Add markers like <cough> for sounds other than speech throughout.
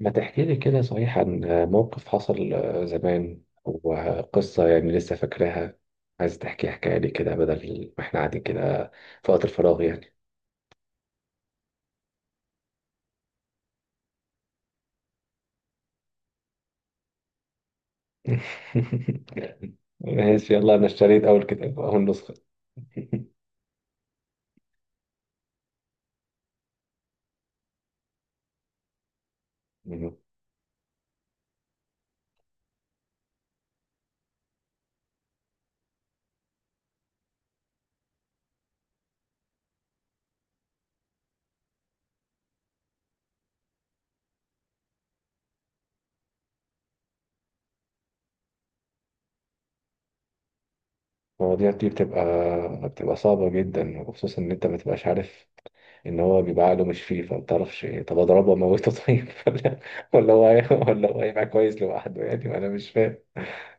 ما تحكي لي كده صحيح عن موقف حصل زمان وقصة يعني لسه فاكراها. عايز تحكي حكاية لي كده بدل ما احنا قاعدين كده في وقت الفراغ يعني. <laughs> ماشي يلا انا اشتريت اول كتاب اول نسخة. <laughs> المواضيع دي بتبقى صعبة جدا، وخصوصا ان انت ما تبقاش عارف ان هو بيبقى عقله مش فيه، فما تعرفش طب اضربه واموته؟ طيب <laughs> ولا ولا هو هيبقى كويس لوحده؟ يعني ما انا مش فاهم.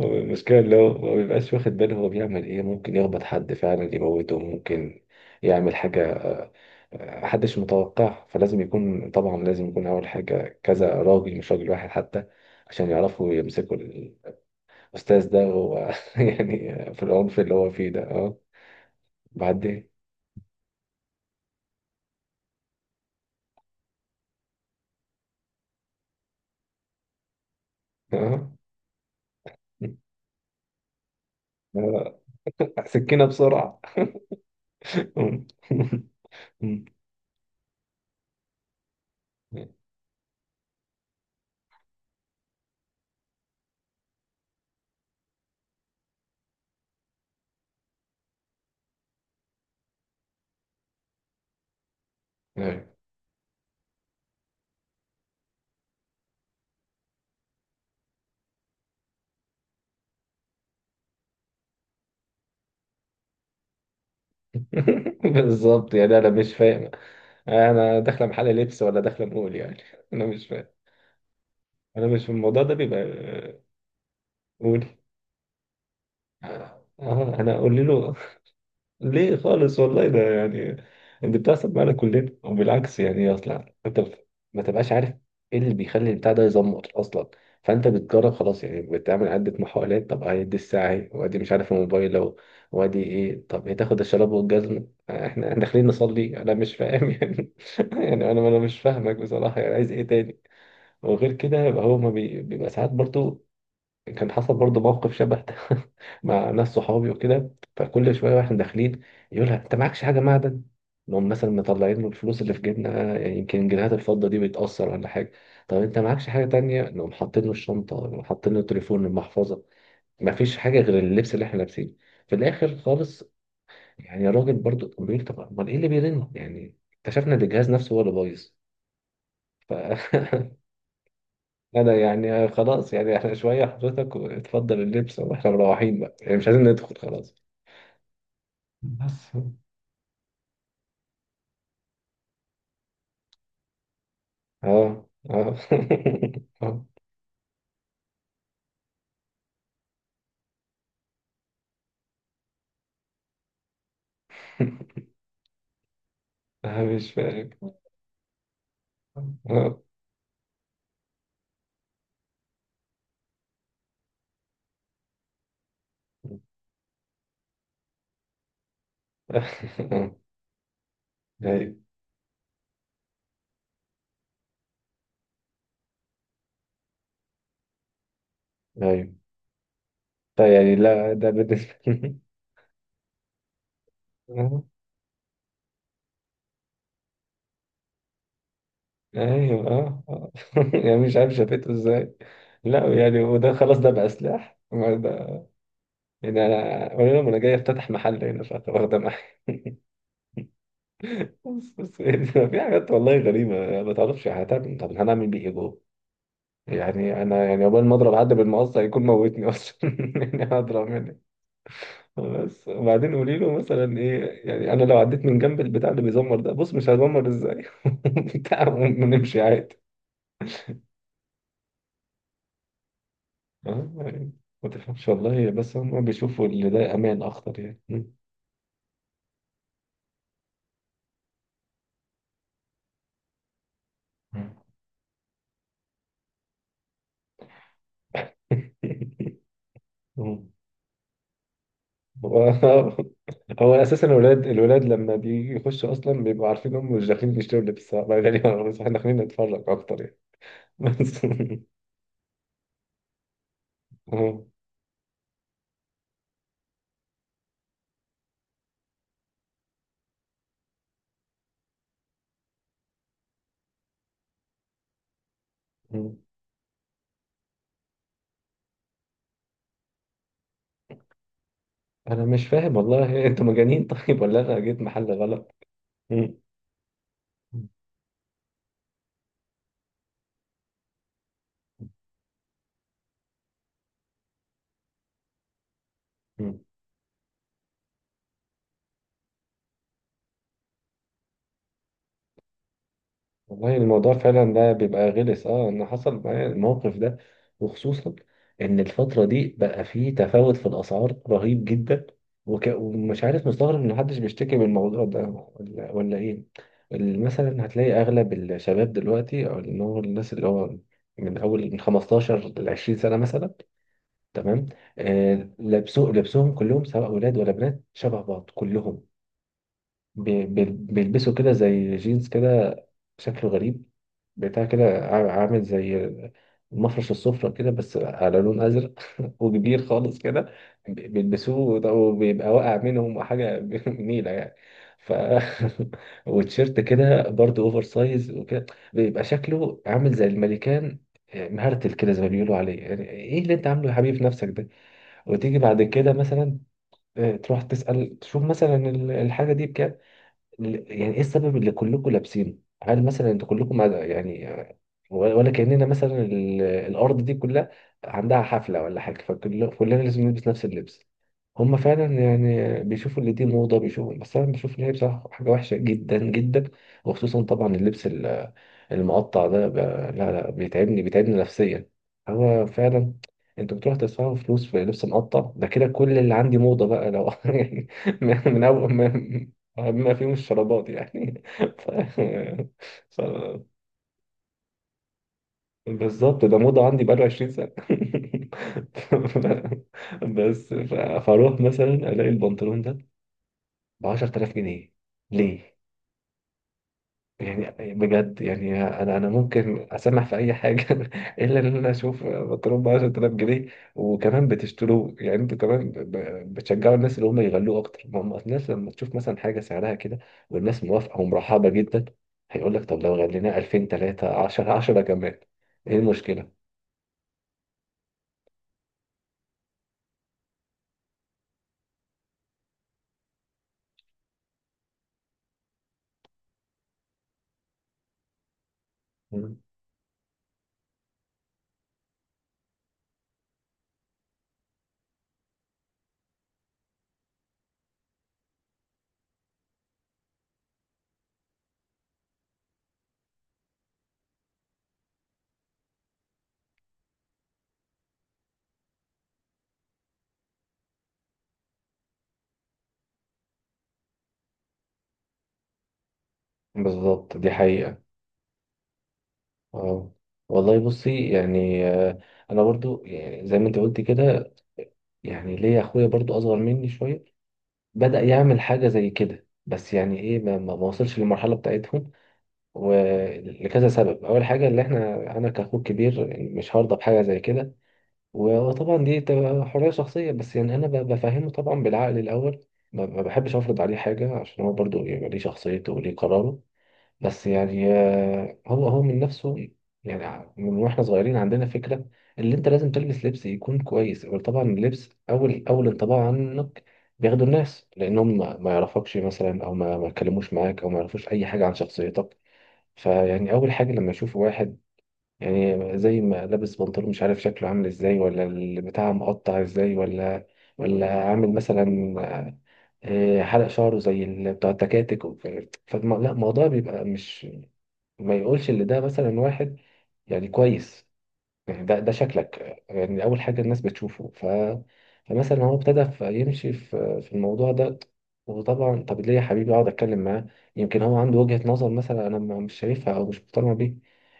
هو المشكله اللي هو ما بيبقاش واخد باله هو بيعمل ايه، ممكن يخبط حد فعلا يموته، ممكن يعمل حاجه محدش متوقعها، فلازم يكون طبعا لازم يكون اول حاجه كذا راجل، مش راجل واحد حتى، عشان يعرفوا يمسكوا الاستاذ ده. هو <laughs> يعني في العنف اللي هو فيه ده. اه بعدين اه. آه، سكينه بسرعه. <laughs> مم. أيوة. <laughs> بالظبط يعني انا مش فاهم، انا داخله محل لبس ولا داخله نقول يعني. انا مش فاهم. انا مش في الموضوع ده بيبقى. قولي. اه انا اقول له ليه خالص، والله ده يعني اللي بتحصل معانا كلنا، وبالعكس يعني اصلا انت ما تبقاش عارف ايه اللي بيخلي البتاع ده يزمط اصلا، فانت بتجرب خلاص يعني، بتعمل عدة محاولات. طب هيدي الساعة، ايه وادي مش عارف الموبايل، لو وادي ايه، طب هي تاخد الشراب والجزمة، احنا داخلين نصلي، انا مش فاهم يعني <laughs> يعني انا مش فاهمك بصراحة، يعني عايز ايه تاني؟ وغير كده يبقى هو ما بيبقى ساعات برضو. كان حصل برضه موقف شبه ده <laughs> مع ناس صحابي وكده، فكل شويه واحنا داخلين يقولها انت معكش حاجه معدن، نقوم مثلا مطلعين له الفلوس اللي في جيبنا، يعني يمكن جنيهات الفضه دي بتاثر ولا حاجه. طب انت معكش حاجه تانية؟ نقوم حاطين له الشنطه، نقوم حاطين له التليفون، المحفظه، مفيش حاجه غير اللبس اللي احنا لابسينه. في الاخر خالص يعني الراجل برضه كان بيقول طب امال ايه اللي بيرن يعني، اكتشفنا ان الجهاز نفسه هو اللي بايظ. ف <laughs> انا يعني خلاص، يعني احنا شويه حضرتك، اتفضل اللبس واحنا مروحين بقى، يعني مش عايزين ندخل خلاص. بس اه اه <laughs> آه. آه، مش فاهم. اه آه. ايوه. ايوه طيب، يعني لا ده بالنسبه <laughs> لي. آه، ايوه اه آه. <laughs> يعني مش عارف شافته ازاي. لا يعني وده خلاص، ده بقى سلاح ما ده، يعني انا قولي لهم انا جاي افتتح محل هنا فاخده معايا. بس يعني <laughs> في حاجات والله غريبة، يعني ما تعرفش هتعمل إيه. طب هنعمل بيه ايه جوه؟ يعني انا يعني عقبال ما اضرب حد بالمقص هيكون موتني اصلا <laughs> يعني هضرب مني بس. وبعدين قولي له مثلا ايه، يعني انا لو عديت من جنب البتاع اللي بيزمر ده، بص مش هتزمر ازاي <laughs> بتاع، ونمشي عادي. آه، يعني ما تفهمش والله، بس هم بيشوفوا اللي ده امان اخطر يعني. <laughs> <laughs> <laughs> هو هو اساسا الولاد لما بيجي يخشوا اصلا بيبقوا عارفين هم مش داخلين يشتروا لبس بقى غالبا، بس احنا داخلين نتفرج اكتر يعني. بس <laughs> آه. انا مش فاهم والله، انتوا مجانين طيب، ولا انا جيت محل غلط؟ مم. مم. والله الموضوع فعلا ده بيبقى غلس. اه انا حصل معايا الموقف ده وخصوصا ان الفترة دي بقى فيه تفاوت في الاسعار رهيب جدا، ومش عارف مستغرب ان محدش بيشتكي من الموضوع ده ولا ايه. مثلا هتلاقي اغلب الشباب دلوقتي او اللي هو الناس اللي هو من اول من 15 ل 20 سنة مثلا، تمام، آه لبسهم كلهم سواء اولاد ولا بنات شبه بعض كلهم بيلبسوا كده زي جينز كده شكله غريب بتاع كده عامل زي المفرش السفرة كده بس على لون أزرق <laughs> وكبير خالص كده، بيلبسوه ده، وبيبقى واقع منهم حاجة <laughs> نيلة يعني. ف <laughs> وتيشيرت كده برضه أوفر سايز وكده بيبقى شكله عامل زي الملكان. آه، مهرتل كده زي ما بيقولوا عليه، يعني ايه اللي انت عامله يا حبيبي في نفسك ده؟ وتيجي بعد كده مثلا آه، تروح تسأل تشوف مثلا الحاجة دي بكام. يعني ايه السبب اللي كلكم لابسينه، هل مثلا انتوا كلكم يعني ولا كأننا مثلا الأرض دي كلها عندها حفلة ولا حاجة، فكل كلنا لازم نلبس نفس اللبس؟ هما فعلا يعني بيشوفوا اللي دي موضة بيشوفوا، بس أنا بشوف إن هي بصراحة حاجة وحشة جدا جدا. وخصوصا طبعا اللبس المقطع ده لا لا بيتعبني، بيتعبني نفسيا هو فعلا. انتوا بتروح تدفعوا فلوس في لبس مقطع ده كده، كل اللي عندي موضة بقى لو <laughs> يعني من أول ما ما فيهم الشرابات يعني <laughs> ف... ف... بالظبط، ده موضة عندي بقاله 20 سنة <laughs> بس فاروح مثلا الاقي البنطلون ده ب 10000 جنيه، ليه؟ يعني بجد يعني انا ممكن اسمح في اي حاجه <laughs> الا ان انا اشوف بنطلون ب 10000 جنيه، وكمان بتشتروه يعني انتوا كمان بتشجعوا الناس اللي هم يغلوه اكتر، ما هم الناس لما تشوف مثلا حاجه سعرها كده والناس موافقه ومرحبه جدا هيقول لك طب لو غليناه 2000 3 10 10 كمان، ايه المشكله؟ بالظبط دي حقيقة. اه والله بصي يعني آه، انا برضو يعني زي ما انت قلت كده، يعني ليا اخويا برضو اصغر مني شوية بدأ يعمل حاجة زي كده، بس يعني ايه ما وصلش للمرحلة بتاعتهم. ولكذا سبب اول حاجة اللي احنا انا كأخوه الكبير مش هرضى بحاجة زي كده. وطبعا دي تبقى حرية شخصية، بس يعني انا بفهمه طبعا بالعقل الاول، ما بحبش افرض عليه حاجة عشان هو برضو يبقى ليه شخصيته وليه قراره. بس يعني آه، هو هو من نفسه يعني من واحنا صغيرين عندنا فكرة اللي انت لازم تلبس لبس يكون كويس. وطبعا اللبس اول اول انطباع عنك بياخده الناس، لانهم ما يعرفكش مثلا او ما يتكلموش معاك او ما يعرفوش اي حاجة عن شخصيتك. فيعني اول حاجة لما يشوفوا واحد يعني زي ما لابس بنطلون مش عارف شكله عامل ازاي، ولا البتاع مقطع ازاي، ولا ولا عامل مثلا آه، حلق شعره زي بتاع التكاتك. لا الموضوع بيبقى مش ما يقولش ان ده مثلا واحد يعني كويس، يعني ده ده شكلك، يعني اول حاجه الناس بتشوفه. ف فمثلا هو ابتدى يمشي في في الموضوع ده. وطبعا طب ليه يا حبيبي، اقعد اتكلم معاه، يمكن هو عنده وجهه نظر مثلا انا مش شايفها او مش مقتنع بيه،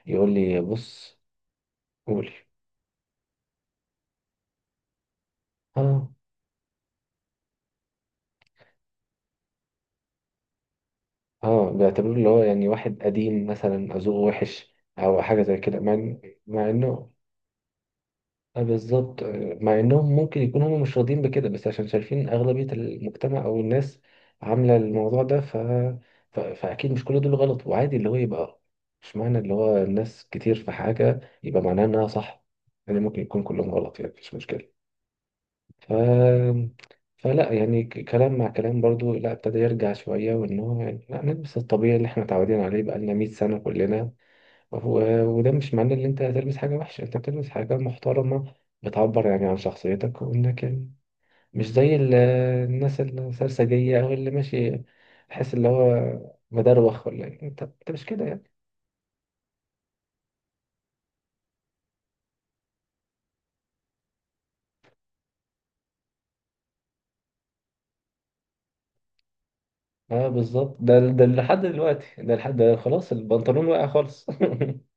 يقول لي بص. قولي. اه اه بيعتبروه اللي هو يعني واحد قديم مثلا ذوقه وحش او حاجه زي كده، مع مع انه آه، بالظبط. آه، مع انهم ممكن يكونوا هم مش راضيين بكده، بس عشان شايفين اغلبية المجتمع او الناس عاملة الموضوع ده. ف... ف... فاكيد مش كل دول غلط، وعادي اللي هو يبقى مش معنى اللي هو الناس كتير في حاجة يبقى معناه انها صح، يعني ممكن يكون كلهم غلط يعني مفيش مشكلة. ف... فلا يعني كلام مع كلام برضو، لا ابتدى يرجع شوية وان هو يعني لا نلبس الطبيعي اللي احنا متعودين عليه بقالنا 100 سنة كلنا. وده مش معناه ان انت هتلبس حاجه وحشه، انت بتلبس حاجه محترمه بتعبر يعني عن شخصيتك وانك مش زي الناس السرسجيه او اللي ماشي تحس اللي هو مدروخ ولا إيه. انت مش كده يعني. اه بالظبط ده ده لحد دلوقتي، ده لحد ده خلاص البنطلون واقع خالص <laughs>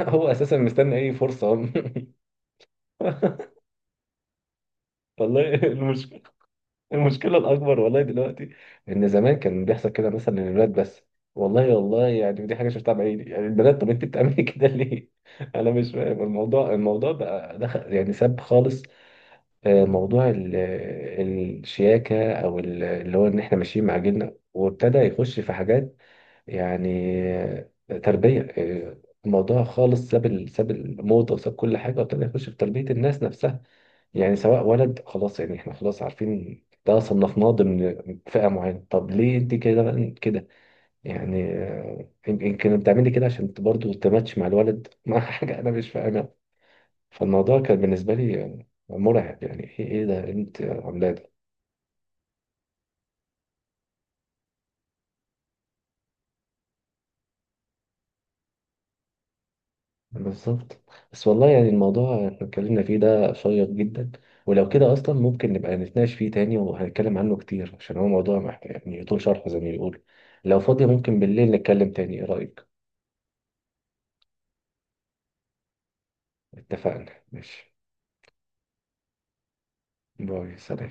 هو اساسا مستني اي فرصه <laughs> والله المشكله، المشكلة الأكبر والله دلوقتي، إن زمان كان بيحصل كده مثلا للولاد بس، والله يعني ودي حاجة شفتها بعيني، يعني البنات طب أنت بتعملي كده ليه؟ <laughs> أنا مش فاهم الموضوع، الموضوع بقى دخل يعني ساب خالص آه، موضوع الشياكة أو اللي هو إن إحنا ماشيين مع جيلنا، وابتدى يخش في حاجات يعني آه، تربية آه، الموضوع خالص ساب ساب الموضة وساب كل حاجة، وابتدى يخش في تربية الناس نفسها. يعني سواء ولد خلاص يعني احنا خلاص عارفين ده صنفناه ضمن فئة معينة، طب ليه انت كده بقى كده؟ يعني آه، يمكن بتعملي كده عشان برضه تماتش مع الولد، مع <laughs> حاجة انا مش فاهمها. فالموضوع كان بالنسبة لي آه، مرعب، يعني ايه ايه ده، إيه انت عاملاه ده. بالظبط. بس والله يعني الموضوع احنا اتكلمنا فيه ده شيق جدا، ولو كده اصلا ممكن نبقى نتناقش فيه تاني، وهنتكلم عنه كتير عشان هو موضوع محتاج يعني يطول شرحه زي ما بيقولوا. لو فاضية ممكن بالليل نتكلم تاني، ايه رأيك؟ اتفقنا ماشي. باي سلام.